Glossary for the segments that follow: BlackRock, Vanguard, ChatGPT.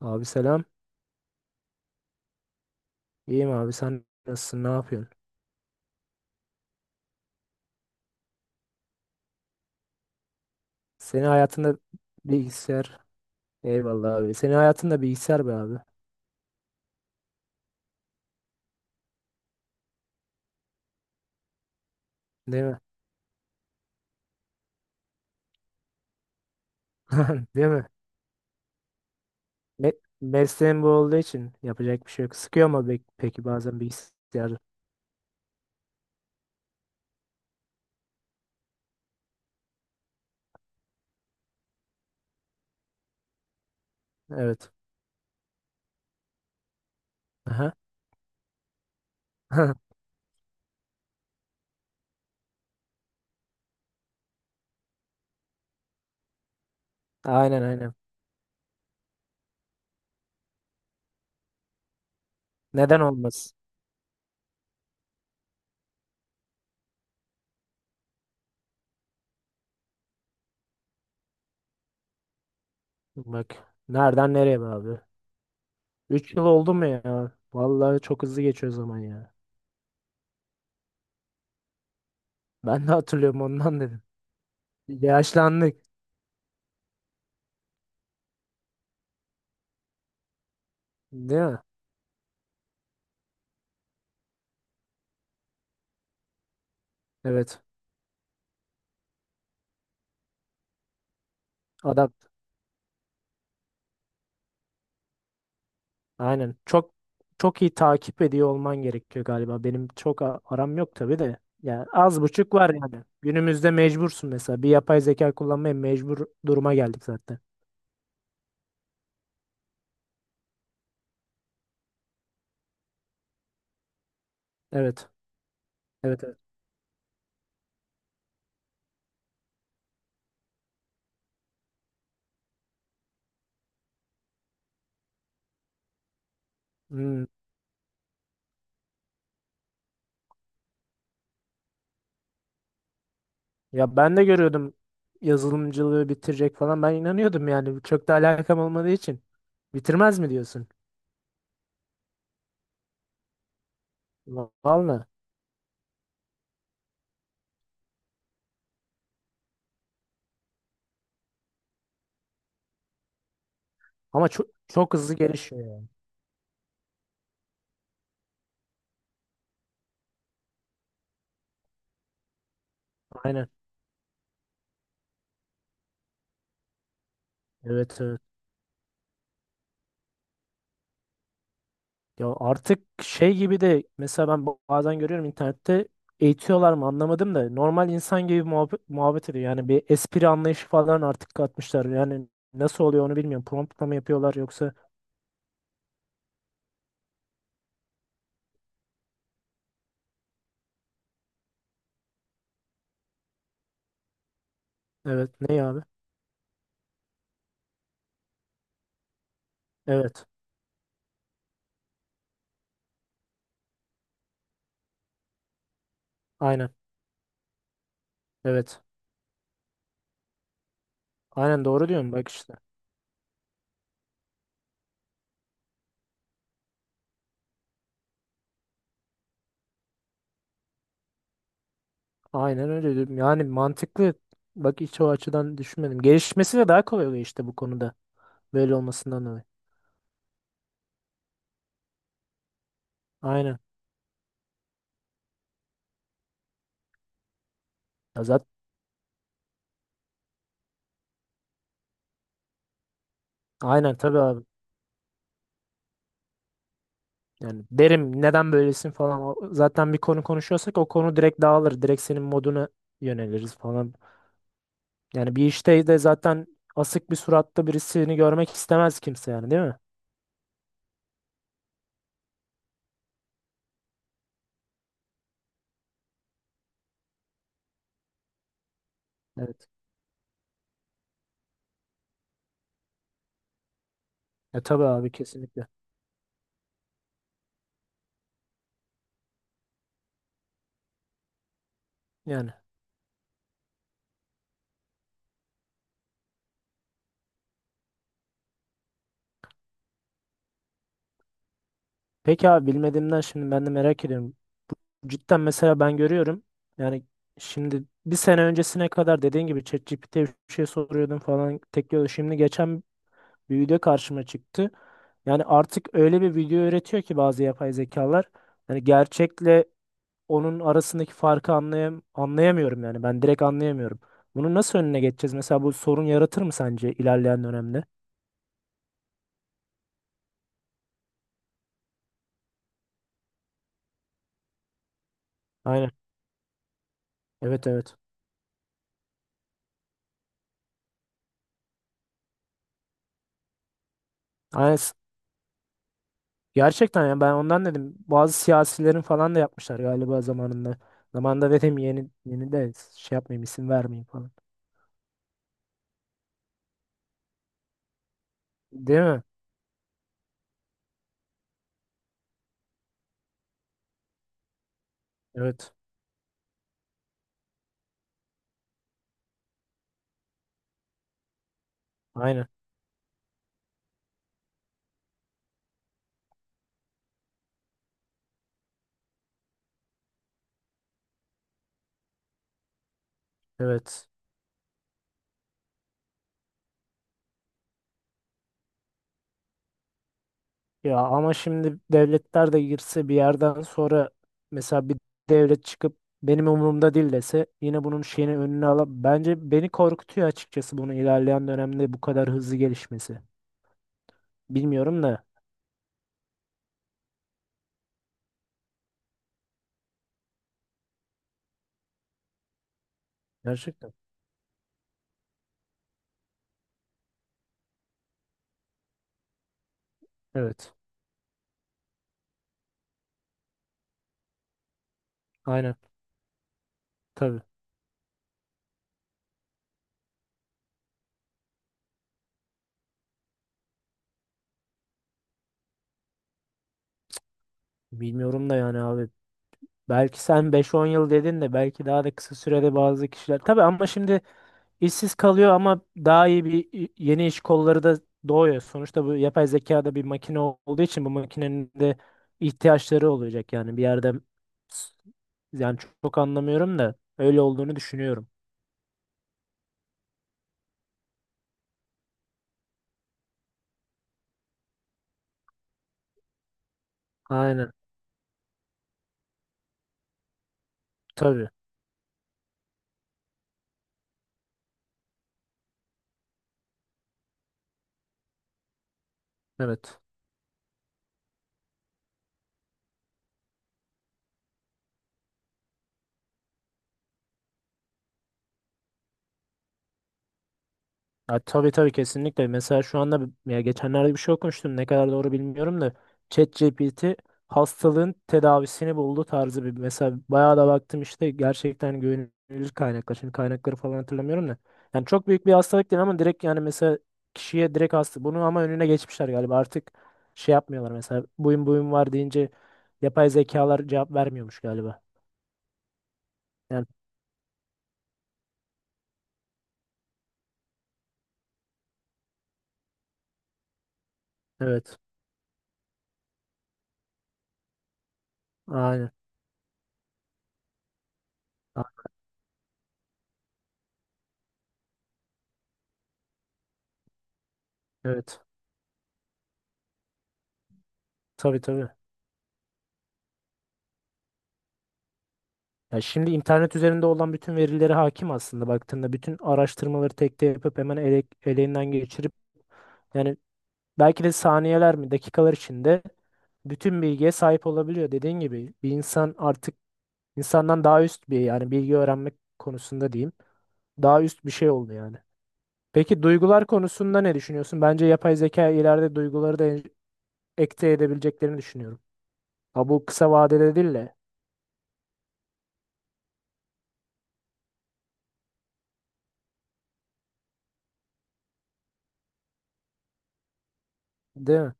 Abi selam. İyiyim abi, sen nasılsın, ne yapıyorsun? Senin hayatında bilgisayar. Eyvallah abi. Senin hayatında bilgisayar be abi. Değil mi? Değil mi? Me Mesleğin bu olduğu için yapacak bir şey yok. Sıkıyor mu peki bazen bilgisayar? Evet. Aha. Aynen, aynen. Neden olmaz? Bak, nereden nereye be abi? 3 yıl oldu mu ya? Vallahi çok hızlı geçiyor zaman ya. Ben de hatırlıyorum, ondan dedim. Yaşlandık. Değil mi? Evet. Adam. Aynen. Çok çok iyi takip ediyor olman gerekiyor galiba. Benim çok aram yok tabii de. Yani az buçuk var yani. Günümüzde mecbursun mesela. Bir yapay zeka kullanmaya mecbur duruma geldik zaten. Evet. Evet, evet. Hmm. Ya ben de görüyordum yazılımcılığı bitirecek falan. Ben inanıyordum yani. Çok da alakam olmadığı için. Bitirmez mi diyorsun? Vallahi. Ama çok çok hızlı gelişiyor yani. Aynen. Evet, evet. Ya artık şey gibi de mesela ben bazen görüyorum internette, eğitiyorlar mı anlamadım da normal insan gibi muhabbet ediyor. Yani bir espri anlayışı falan artık katmışlar. Yani nasıl oluyor onu bilmiyorum. Promptla mı yapıyorlar, yoksa evet ne abi? Evet. Aynen. Evet. Aynen doğru diyorum bak işte. Aynen öyle diyorum. Yani mantıklı. Bak, hiç o açıdan düşünmedim. Gelişmesi de daha kolay oluyor işte bu konuda. Böyle olmasından dolayı. Aynen. Ya zaten, aynen tabii abi. Yani derim neden böylesin falan. Zaten bir konu konuşuyorsak o konu direkt dağılır. Direkt senin moduna yöneliriz falan. Yani bir işte de zaten asık bir suratta birisini görmek istemez kimse yani, değil mi? Evet. E tabii abi, kesinlikle. Yani. Peki abi, bilmediğimden şimdi ben de merak ediyorum. Cidden mesela ben görüyorum. Yani şimdi bir sene öncesine kadar dediğin gibi ChatGPT'ye bir şey soruyordum falan. Tek yolu. Şimdi geçen bir video karşıma çıktı. Yani artık öyle bir video üretiyor ki bazı yapay zekalar. Yani gerçekle onun arasındaki farkı anlayamıyorum yani. Ben direkt anlayamıyorum. Bunu nasıl önüne geçeceğiz? Mesela bu sorun yaratır mı sence ilerleyen dönemde? Aynen. Evet, evet. Aynen. Gerçekten yani ben ondan dedim. Bazı siyasilerin falan da yapmışlar galiba zamanında. Zamanında dedim, yeni yeni de şey yapmayayım, isim vermeyeyim falan. Değil mi? Evet. Aynen. Evet. Ya ama şimdi devletler de girse bir yerden sonra mesela bir devlet çıkıp benim umurumda değil dese, yine bunun şeyini önüne alıp, bence beni korkutuyor açıkçası bunu ilerleyen dönemde bu kadar hızlı gelişmesi. Bilmiyorum da gerçekten. Evet. Aynen. Tabii. Bilmiyorum da yani abi. Belki sen beş on yıl dedin de belki daha da kısa sürede bazı kişiler. Tabii ama şimdi İşsiz kalıyor ama daha iyi bir yeni iş kolları da doğuyor. Sonuçta bu yapay zeka da bir makine olduğu için bu makinenin de ihtiyaçları olacak yani bir yerde s- yani çok anlamıyorum da öyle olduğunu düşünüyorum. Aynen. Tabii. Evet. Ya tabii tabii, kesinlikle. Mesela şu anda ya geçenlerde bir şey okumuştum. Ne kadar doğru bilmiyorum da ChatGPT hastalığın tedavisini buldu tarzı bir, mesela bayağı da baktım işte, gerçekten güvenilir kaynaklar. Şimdi kaynakları falan hatırlamıyorum da. Yani çok büyük bir hastalık değil ama direkt yani mesela kişiye direkt hasta. Bunu ama önüne geçmişler galiba. Artık şey yapmıyorlar, mesela buyum buyum var deyince yapay zekalar cevap vermiyormuş galiba. Yani evet. Aynen. a- Evet. Tabii, tabii. Ya şimdi internet üzerinde olan bütün verilere hakim aslında, baktığında bütün araştırmaları tek tek yapıp hemen eleğinden geçirip yani belki de saniyeler mi dakikalar içinde bütün bilgiye sahip olabiliyor. Dediğin gibi bir insan artık, insandan daha üst bir, yani bilgi öğrenmek konusunda diyeyim, daha üst bir şey oldu yani. Peki duygular konusunda ne düşünüyorsun? Bence yapay zeka ileride duyguları da ekte edebileceklerini düşünüyorum. Ha bu kısa vadede değil de, değil mi?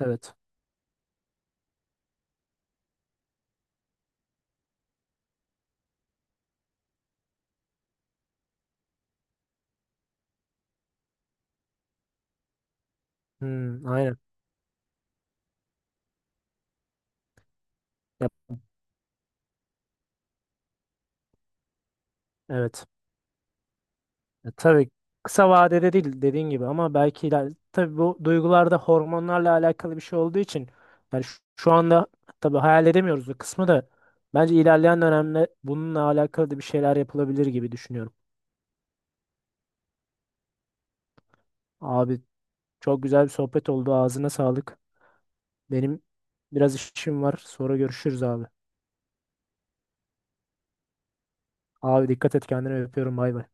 Evet. Hmm, aynen. Yap- Evet. E tabii, kısa vadede değil dediğin gibi ama belki tabii bu duygularda hormonlarla alakalı bir şey olduğu için yani şu anda tabii hayal edemiyoruz o kısmı da, bence ilerleyen dönemde bununla alakalı da bir şeyler yapılabilir gibi düşünüyorum. Abi çok güzel bir sohbet oldu, ağzına sağlık. Benim biraz işim var, sonra görüşürüz abi. Abi dikkat et kendine, öpüyorum, bay bay.